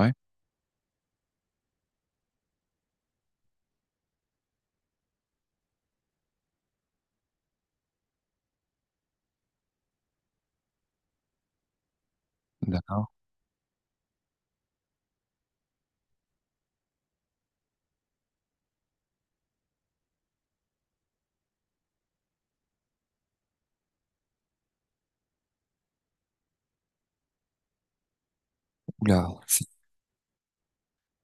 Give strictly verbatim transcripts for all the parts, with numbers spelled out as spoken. Ouais, d'accord. Oula, c'est-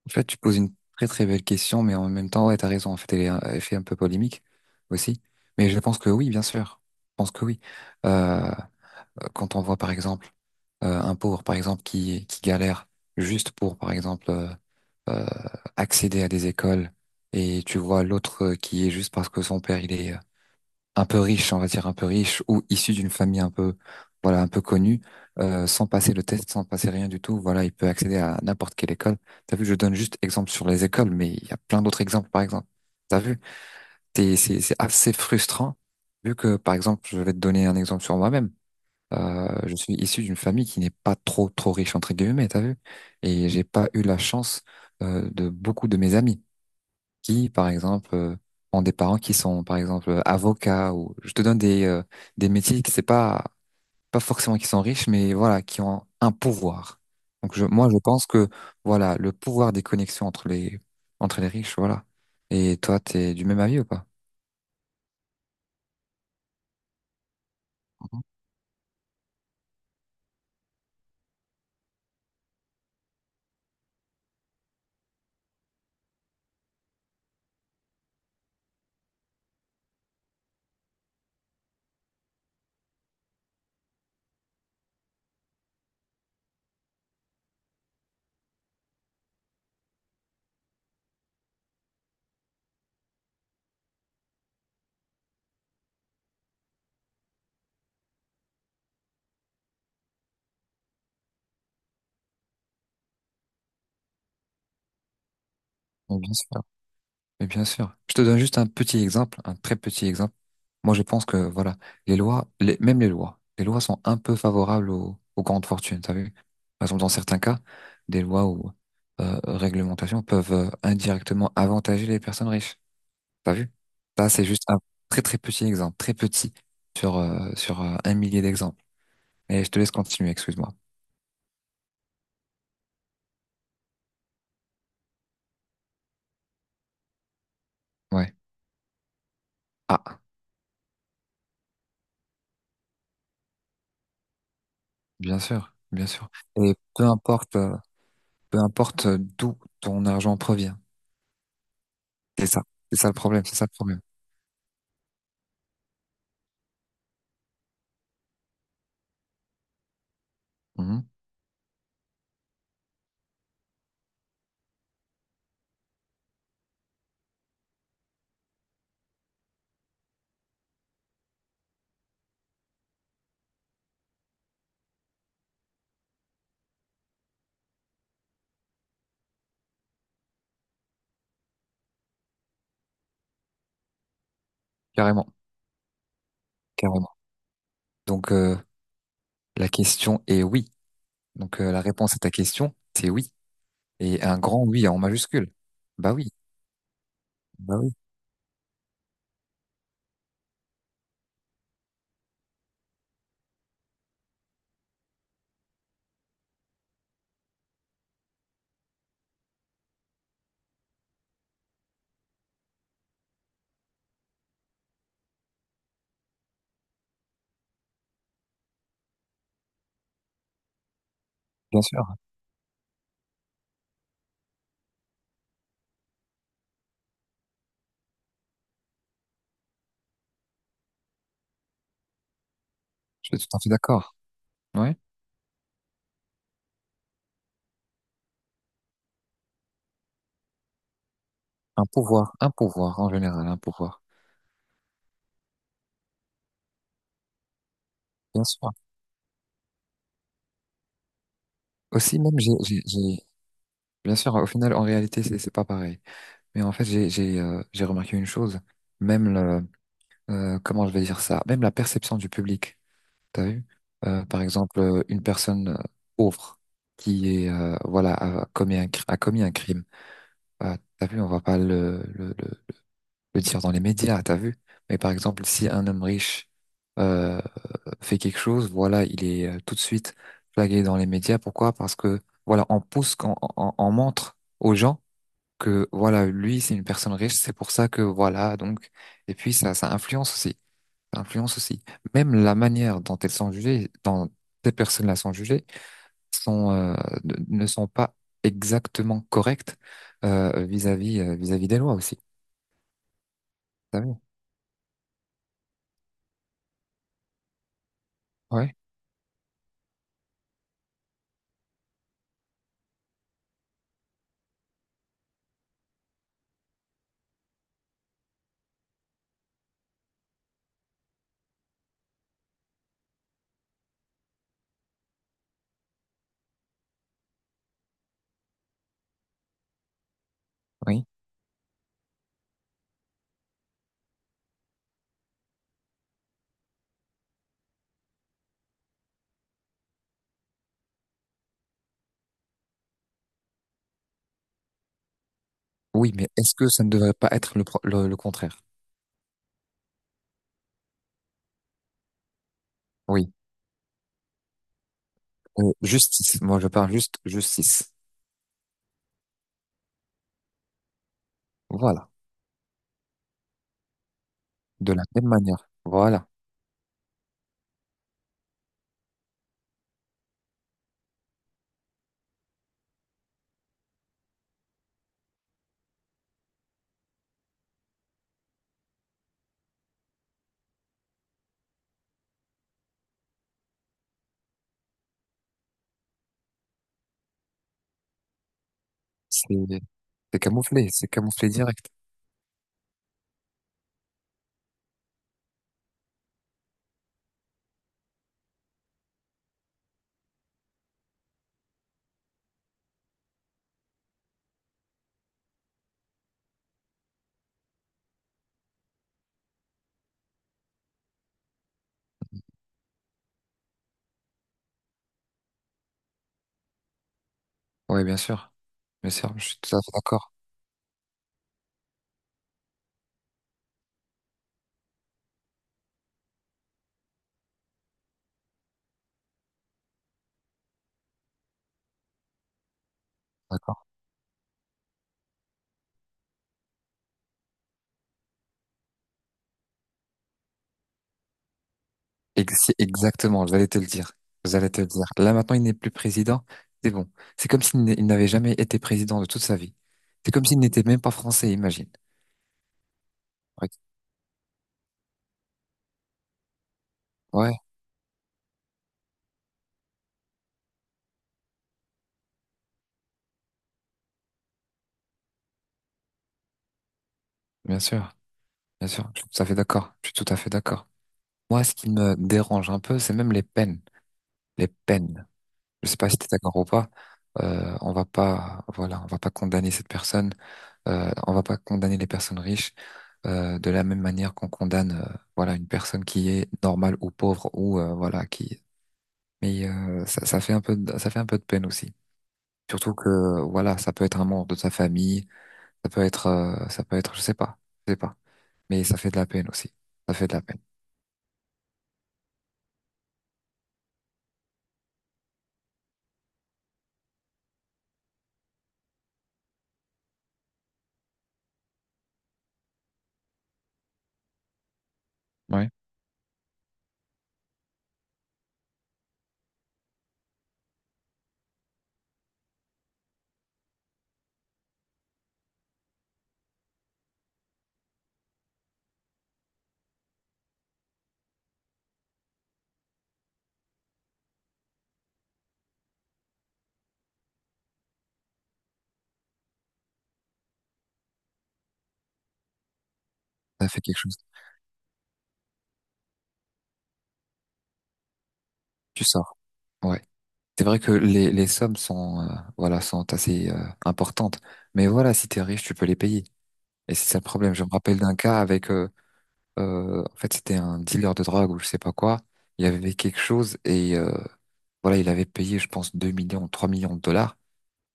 en fait, tu poses une très très belle question, mais en même temps, ouais, t'as raison. En fait, elle est, elle fait un peu polémique aussi. Mais je pense que oui, bien sûr. Je pense que oui. Euh, Quand on voit, par exemple, euh, un pauvre, par exemple, qui, qui galère juste pour, par exemple, euh, euh, accéder à des écoles, et tu vois l'autre euh, qui est juste parce que son père, il est, euh, un peu riche, on va dire un peu riche, ou issu d'une famille un peu, voilà, un peu connue, euh, sans passer le test, sans passer rien du tout, voilà, il peut accéder à n'importe quelle école. T'as vu, je donne juste exemple sur les écoles, mais il y a plein d'autres exemples, par exemple. T'as vu, T'es- c'est, c'est assez frustrant, vu que, par exemple, je vais te donner un exemple sur moi-même. Euh, je suis issu d'une famille qui n'est pas trop, trop riche, entre guillemets, t'as vu? Et j'ai pas eu la chance, euh, de beaucoup de mes amis qui, par exemple, euh, ont des parents qui sont, par exemple, avocats ou je te donne des, euh, des métiers qui c'est pas, pas forcément qui sont riches, mais voilà, qui ont un pouvoir. Donc, je, moi, je pense que, voilà, le pouvoir des connexions entre les, entre les riches, voilà. Et toi, t'es du même avis ou pas? Oui, bien sûr. Mais bien sûr, je te donne juste un petit exemple, un très petit exemple. Moi, je pense que voilà, les lois, les- même les lois, les lois sont un peu favorables aux, aux grandes fortunes. T'as vu? Par exemple, dans certains cas, des lois ou euh, réglementations peuvent euh, indirectement avantager les personnes riches. T'as vu? Ça, c'est juste un très très petit exemple, très petit sur euh, sur euh, un millier d'exemples. Et je te laisse continuer, excuse-moi. Ouais. Ah, bien sûr, bien sûr. Et peu importe, euh, peu importe d'où ton argent provient. C'est ça, c'est ça le problème, c'est ça le problème. Mhm. Carrément, carrément. Donc euh, la question est oui. Donc euh, la réponse à ta question, c'est oui. Et un grand oui en majuscule. Bah oui, bah oui, bien sûr. Je suis tout à fait d'accord. Ouais. Un pouvoir, un pouvoir en général, un pouvoir. Bien sûr. Aussi même j'ai, j'ai, j'ai- bien sûr. Au final, en réalité, c'est c'est pas pareil. Mais en fait, j'ai, j'ai, euh, j'ai remarqué une chose. Même le, euh, comment je vais dire ça? Même la perception du public. T'as vu? Euh, par exemple, euh, une personne euh, pauvre qui est euh, voilà a commis un, cr- a commis un crime. Euh, t'as vu? On va pas le, le, le, le dire dans les médias. T'as vu? Mais par exemple, si un homme riche euh, fait quelque chose, voilà, il est euh, tout de suite flagué dans les médias. Pourquoi? Parce que voilà, on pousse, on, on, on montre aux gens que voilà, lui, c'est une personne riche. C'est pour ça que voilà. Donc, et puis ça, ça influence aussi. Ça influence aussi. Même la manière dont elles sont jugées, dont ces personnes-là sont jugées, sont, euh, ne ne sont pas exactement correctes euh, vis-à-vis euh, vis-à-vis des lois aussi. Vous savez ouais, oui, oui. Mais est-ce que ça ne devrait pas être le, pro- le, le contraire? Oui. Euh, justice. Moi, je parle juste justice. Voilà. De la même manière. Voilà. C'est c'est camouflé. C'est camouflé direct. Oui, bien sûr. Bien sûr. Je suis tout à fait d'accord. Ex- c'est Exactement, j'allais te le dire. J'allais te le dire. Là, maintenant, il n'est plus président. C'est bon. C'est comme s'il n'est- il n'avait jamais été président de toute sa vie. C'est comme s'il n'était même pas français, imagine. Ouais, ouais, bien sûr, bien sûr. Je suis tout à fait d'accord. Je suis tout à fait d'accord. Moi, ce qui me dérange un peu, c'est même les peines. Les peines. Je sais pas si tu es d'accord ou pas. Euh, on va pas, voilà, on va pas condamner cette personne. Euh, on va pas condamner les personnes riches euh, de la même manière qu'on condamne, euh, voilà, une personne qui est normale ou pauvre ou euh, voilà, qui mais euh, ça, ça fait un peu de, ça fait un peu de peine aussi. Surtout que voilà, ça peut être un membre de ta famille, ça peut être euh, ça peut être je sais pas, je sais pas. Mais ça fait de la peine aussi. Ça fait de la peine. Ouais. Ça fait quelque chose. Tu sors. Ouais. C'est vrai que les, les sommes sont euh, voilà, sont assez euh, importantes. Mais voilà, si t'es riche, tu peux les payer. Et c'est ça le problème. Je me rappelle d'un cas avec euh, euh, en fait, c'était un dealer de drogue ou je sais pas quoi. Il avait quelque chose et euh, voilà, il avait payé je pense deux millions, trois millions de dollars.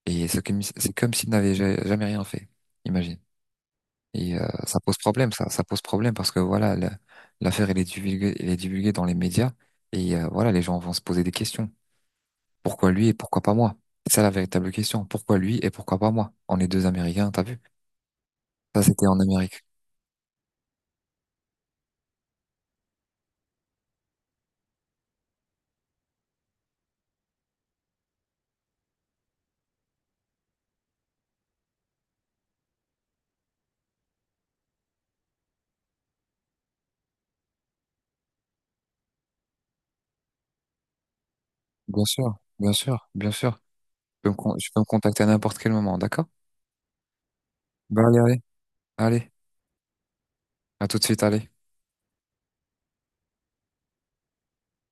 Et c'est comme, c'est comme s'il n'avait ja- jamais rien fait, imagine. Et euh, ça pose problème, ça, ça pose problème parce que voilà, la- l'affaire elle est divulguée, elle est divulguée dans les médias et euh, voilà, les gens vont se poser des questions. Pourquoi lui et pourquoi pas moi? C'est ça la véritable question. Pourquoi lui et pourquoi pas moi? On est deux Américains, t'as vu? Ça, c'était en Amérique. Bien sûr, bien sûr, bien sûr. Tu peux me, con- tu peux me contacter à n'importe quel moment, d'accord? Bah allez, allez, allez. À tout de suite, allez.